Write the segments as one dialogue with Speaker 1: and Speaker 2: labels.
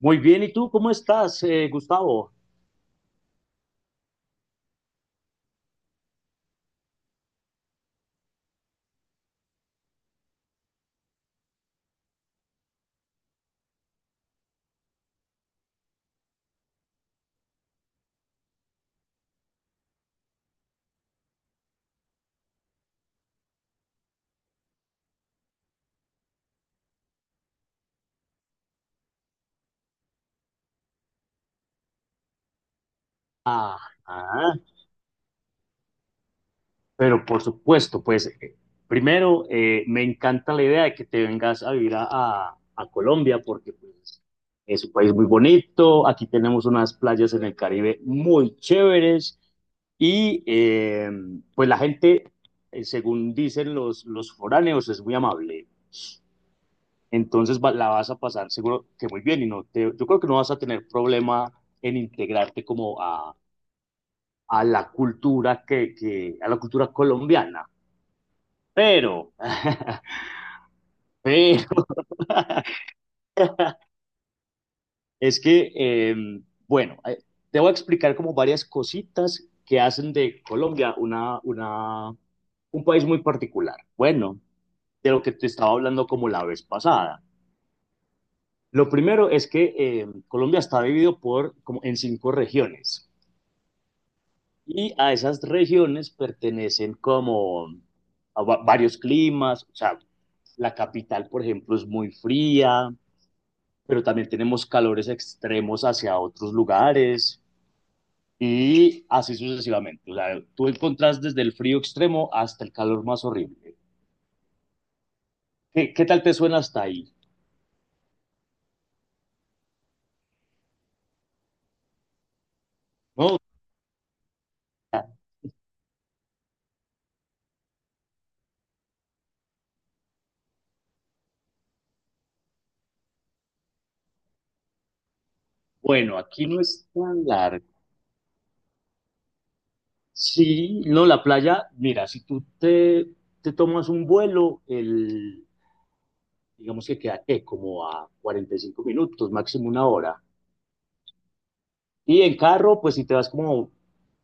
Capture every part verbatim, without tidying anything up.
Speaker 1: Muy bien, ¿y tú cómo estás, eh, Gustavo? Ah, ah, pero por supuesto, pues eh, primero eh, me encanta la idea de que te vengas a vivir a, a- a Colombia porque pues, es un país muy bonito, aquí tenemos unas playas en el Caribe muy chéveres y eh, pues la gente, eh, según dicen los, los foráneos, es muy amable. Entonces va- la vas a pasar seguro que muy bien y no te, yo creo que no vas a tener problema en integrarte como a la cultura que, que a la cultura colombiana. Pero, pero es que, eh, bueno, eh, te voy a explicar como varias cositas que hacen de Colombia una, una, un país muy particular. Bueno, de lo que te estaba hablando como la vez pasada. Lo primero es que eh, Colombia está dividido por, como en cinco regiones. Y a esas regiones pertenecen como a va- varios climas, o sea, la capital, por ejemplo, es muy fría, pero también tenemos calores extremos hacia otros lugares y así sucesivamente. O sea, tú encontrás desde el frío extremo hasta el calor más horrible. ¿Qué, qué tal te suena hasta ahí? ¿No? Bueno, aquí no es tan largo. Sí, no, la playa, mira, si tú te, te tomas un vuelo, el, digamos que queda que como a cuarenta y cinco minutos, máximo una hora. Y en carro, pues si te vas como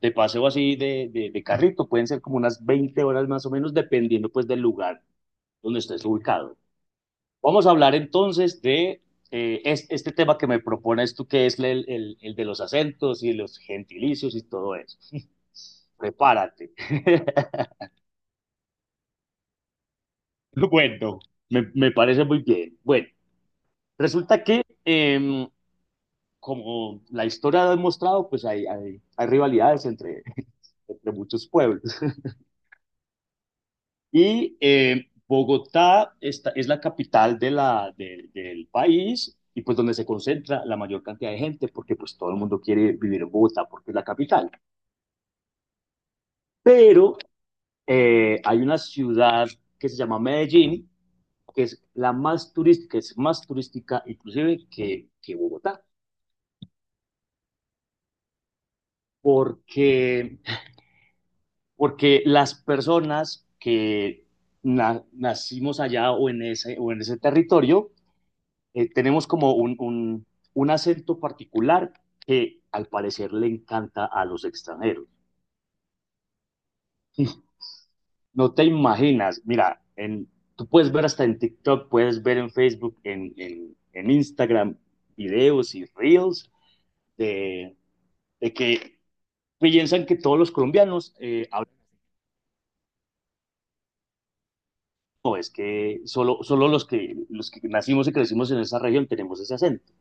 Speaker 1: de paseo así de, de, de carrito, pueden ser como unas veinte horas más o menos, dependiendo pues del lugar donde estés ubicado. Vamos a hablar entonces de eh, es, este tema que me propones tú, que es el, el, el de los acentos y los gentilicios y todo eso. Prepárate. Bueno, me, me parece muy bien. Bueno, resulta que eh, como la historia ha demostrado, pues hay, hay, hay rivalidades entre, entre muchos pueblos. Y eh, Bogotá esta, es la capital de la, de, del país y pues donde se concentra la mayor cantidad de gente, porque pues todo el mundo quiere vivir en Bogotá porque es la capital. Pero eh, hay una ciudad que se llama Medellín, que es la más turística, es más turística inclusive que, que Bogotá, porque porque las personas que na- nacimos allá o en ese, o en ese territorio, eh, tenemos como un, un, un acento particular que al parecer le encanta a los extranjeros. No te imaginas, mira, en, tú puedes ver hasta en TikTok, puedes ver en Facebook, en, en, en Instagram, videos y reels de, de que piensan que todos los colombianos eh, hablan no, es que solo, solo los, que, los que nacimos y crecimos en esa región tenemos ese acento.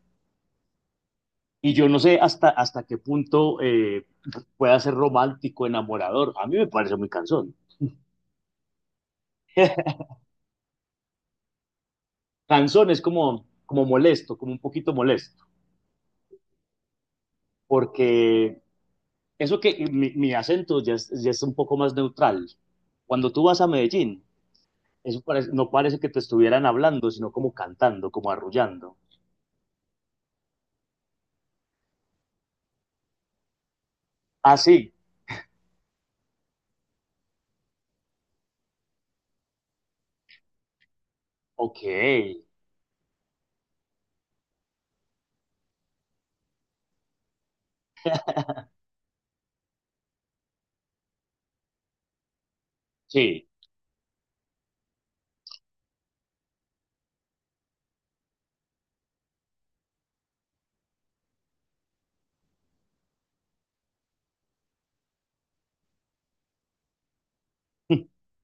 Speaker 1: Y yo no sé hasta, hasta qué punto eh, pueda ser romántico, enamorador. A mí me parece muy cansón. Cansón es como, como molesto, como un poquito molesto, porque eso que mi, mi acento ya es, ya es un poco más neutral. Cuando tú vas a Medellín, eso parece, no parece que te estuvieran hablando, sino como cantando, como arrullando. Ah, sí, ok, sí,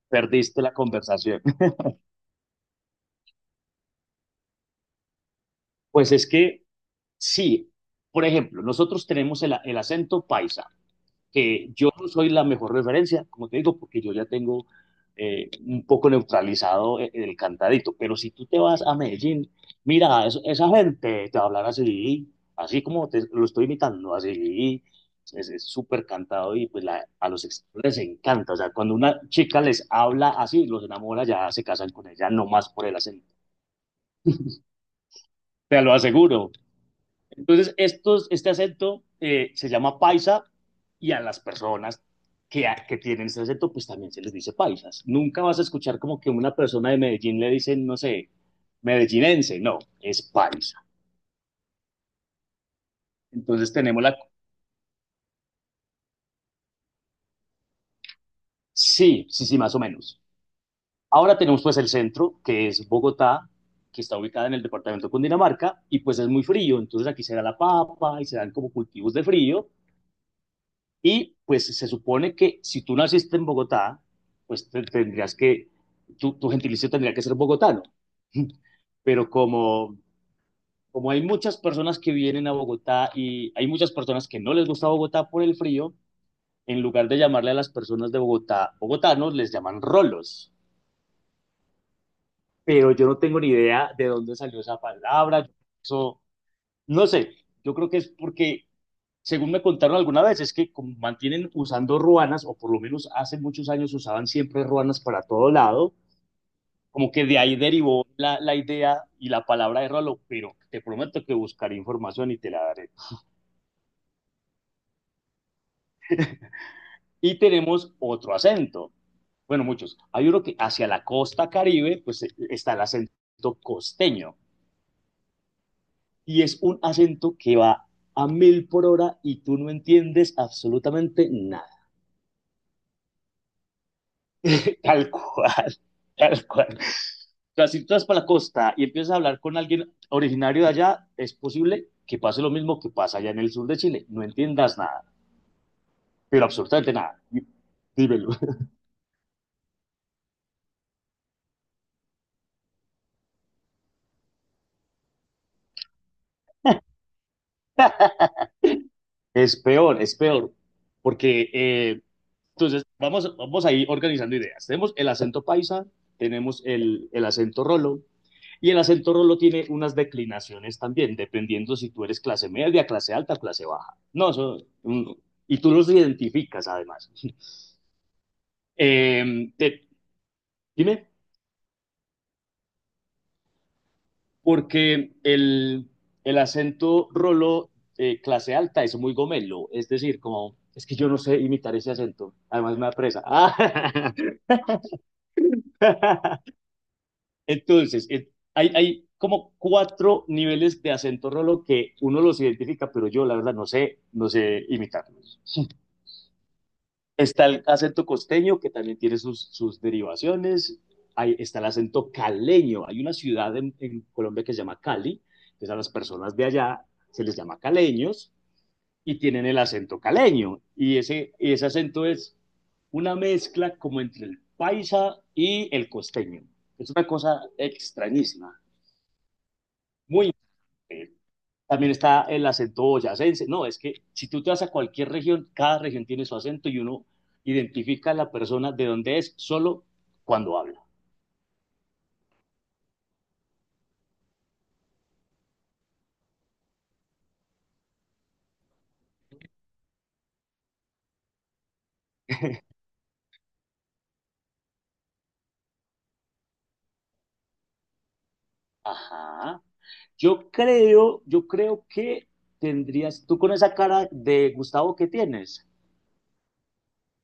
Speaker 1: perdiste la conversación. Pues es que sí, por ejemplo, nosotros tenemos el, el acento paisa, que yo no soy la mejor referencia, como te digo, porque yo ya tengo eh, un poco neutralizado e- el, cantadito, pero si tú te vas a Medellín, mira, es- esa gente te va a hablar así, así como te lo estoy imitando, así, es es súper cantado y pues la- a los extranjeros les encanta, o sea, cuando una chica les habla así, los enamora, ya se casan con ella, no más por el acento, te lo aseguro. Entonces, estos, este acento eh, se llama paisa y a las personas que, que tienen este acento, pues también se les dice paisas. Nunca vas a escuchar como que una persona de Medellín le dicen, no sé, medellinense, no, es paisa. Entonces tenemos la... Sí, sí, sí, más o menos. Ahora tenemos pues el centro, que es Bogotá, que está ubicada en el departamento de Cundinamarca, y pues es muy frío, entonces aquí se da la papa y se dan como cultivos de frío. Y pues se supone que si tú naciste en Bogotá, pues te- tendrías que, tu, tu gentilicio tendría que ser bogotano. Pero como, como hay muchas personas que vienen a Bogotá y hay muchas personas que no les gusta Bogotá por el frío, en lugar de llamarle a las personas de Bogotá bogotanos, les llaman rolos. Pero yo no tengo ni idea de dónde salió esa palabra. Eso, no sé, yo creo que es porque según me contaron alguna vez, es que como mantienen usando ruanas, o por lo menos hace muchos años usaban siempre ruanas para todo lado, como que de ahí derivó la, la idea y la palabra de Rolo, pero te prometo que buscaré información y te la daré. Y tenemos otro acento, bueno, muchos. Hay uno que hacia la costa caribe, pues eh, está el acento costeño, y es un acento que va a mil por hora y tú no entiendes absolutamente nada. Tal cual, tal cual. O sea, si tú vas para la costa y empiezas a hablar con alguien originario de allá, es posible que pase lo mismo que pasa allá en el sur de Chile. No entiendas nada, pero absolutamente nada. Dí- Dímelo. Es peor, es peor. Porque, eh, entonces, vamos, vamos a ir organizando ideas. Tenemos el acento paisa, tenemos el, el acento rolo, y el acento rolo tiene unas declinaciones también, dependiendo si tú eres clase media, clase alta, clase baja. No, eso, mm, y tú los identificas además. Eh, te, dime, porque el, el acento rolo eh, clase alta es muy gomelo, es decir, como es que yo no sé imitar ese acento, además me apresa. Ah, entonces, eh, hay, hay como cuatro niveles de acento rolo que uno los identifica, pero yo la verdad no sé, no sé imitarlo. Está el acento costeño, que también tiene sus, sus derivaciones. Hay está el acento caleño. Hay una ciudad en, en Colombia que se llama Cali, que a las personas de allá se les llama caleños y tienen el acento caleño. Y ese, ese acento es una mezcla como entre el paisa y el costeño. Es una cosa extrañísima, muy eh, también está el acento boyacense. No, es que si tú te vas a cualquier región, cada región tiene su acento y uno identifica a la persona de dónde es solo cuando habla. Ajá. Yo creo, yo creo que tendrías, tú con esa cara de Gustavo que tienes,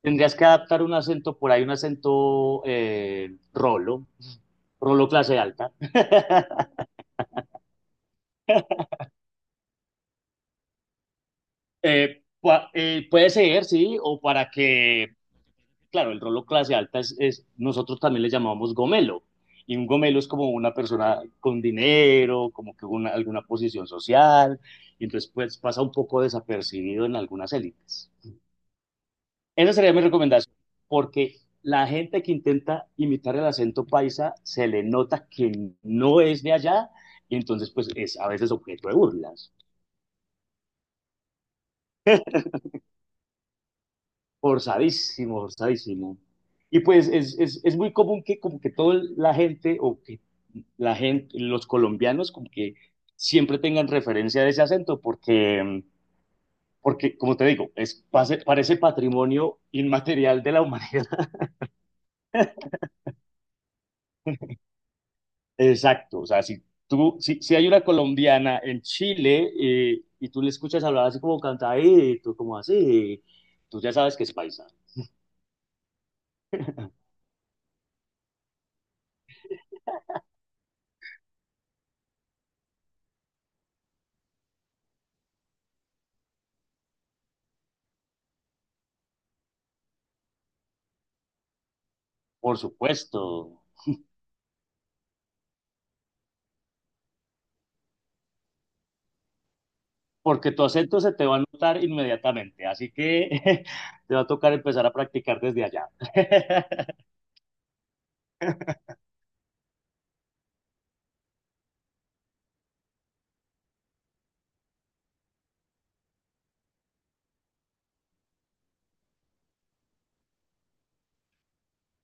Speaker 1: tendrías que adaptar un acento por ahí, un acento eh, rolo, rolo clase alta. Eh, pa- eh, puede ser, sí, o para que claro, el rolo clase alta es, es, nosotros también le llamamos gomelo, y un gomelo es como una persona con dinero, como que una, alguna posición social, y entonces pues pasa un poco desapercibido en algunas élites. Esa sería mi recomendación, porque la gente que intenta imitar el acento paisa se le nota que no es de allá, y entonces pues es a veces objeto de burlas. Forzadísimo, forzadísimo. Y pues es, es, es muy común que como que toda la gente o que la gente, los colombianos como que siempre tengan referencia de ese acento porque, porque como te digo, es, pase- parece patrimonio inmaterial de la humanidad. Exacto, o sea, si tú, si, si hay una colombiana en Chile eh, y tú le escuchas hablar así como cantadito, como así, tú ya sabes que es paisa, por supuesto. Porque tu acento se te va a notar inmediatamente, así que te va a tocar empezar a practicar desde allá.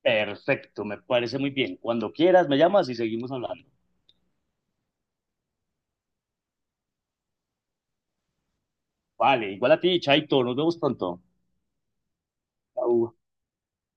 Speaker 1: Perfecto, me parece muy bien. Cuando quieras, me llamas y seguimos hablando. Vale, igual a ti, Chaito, nos vemos pronto. Chau.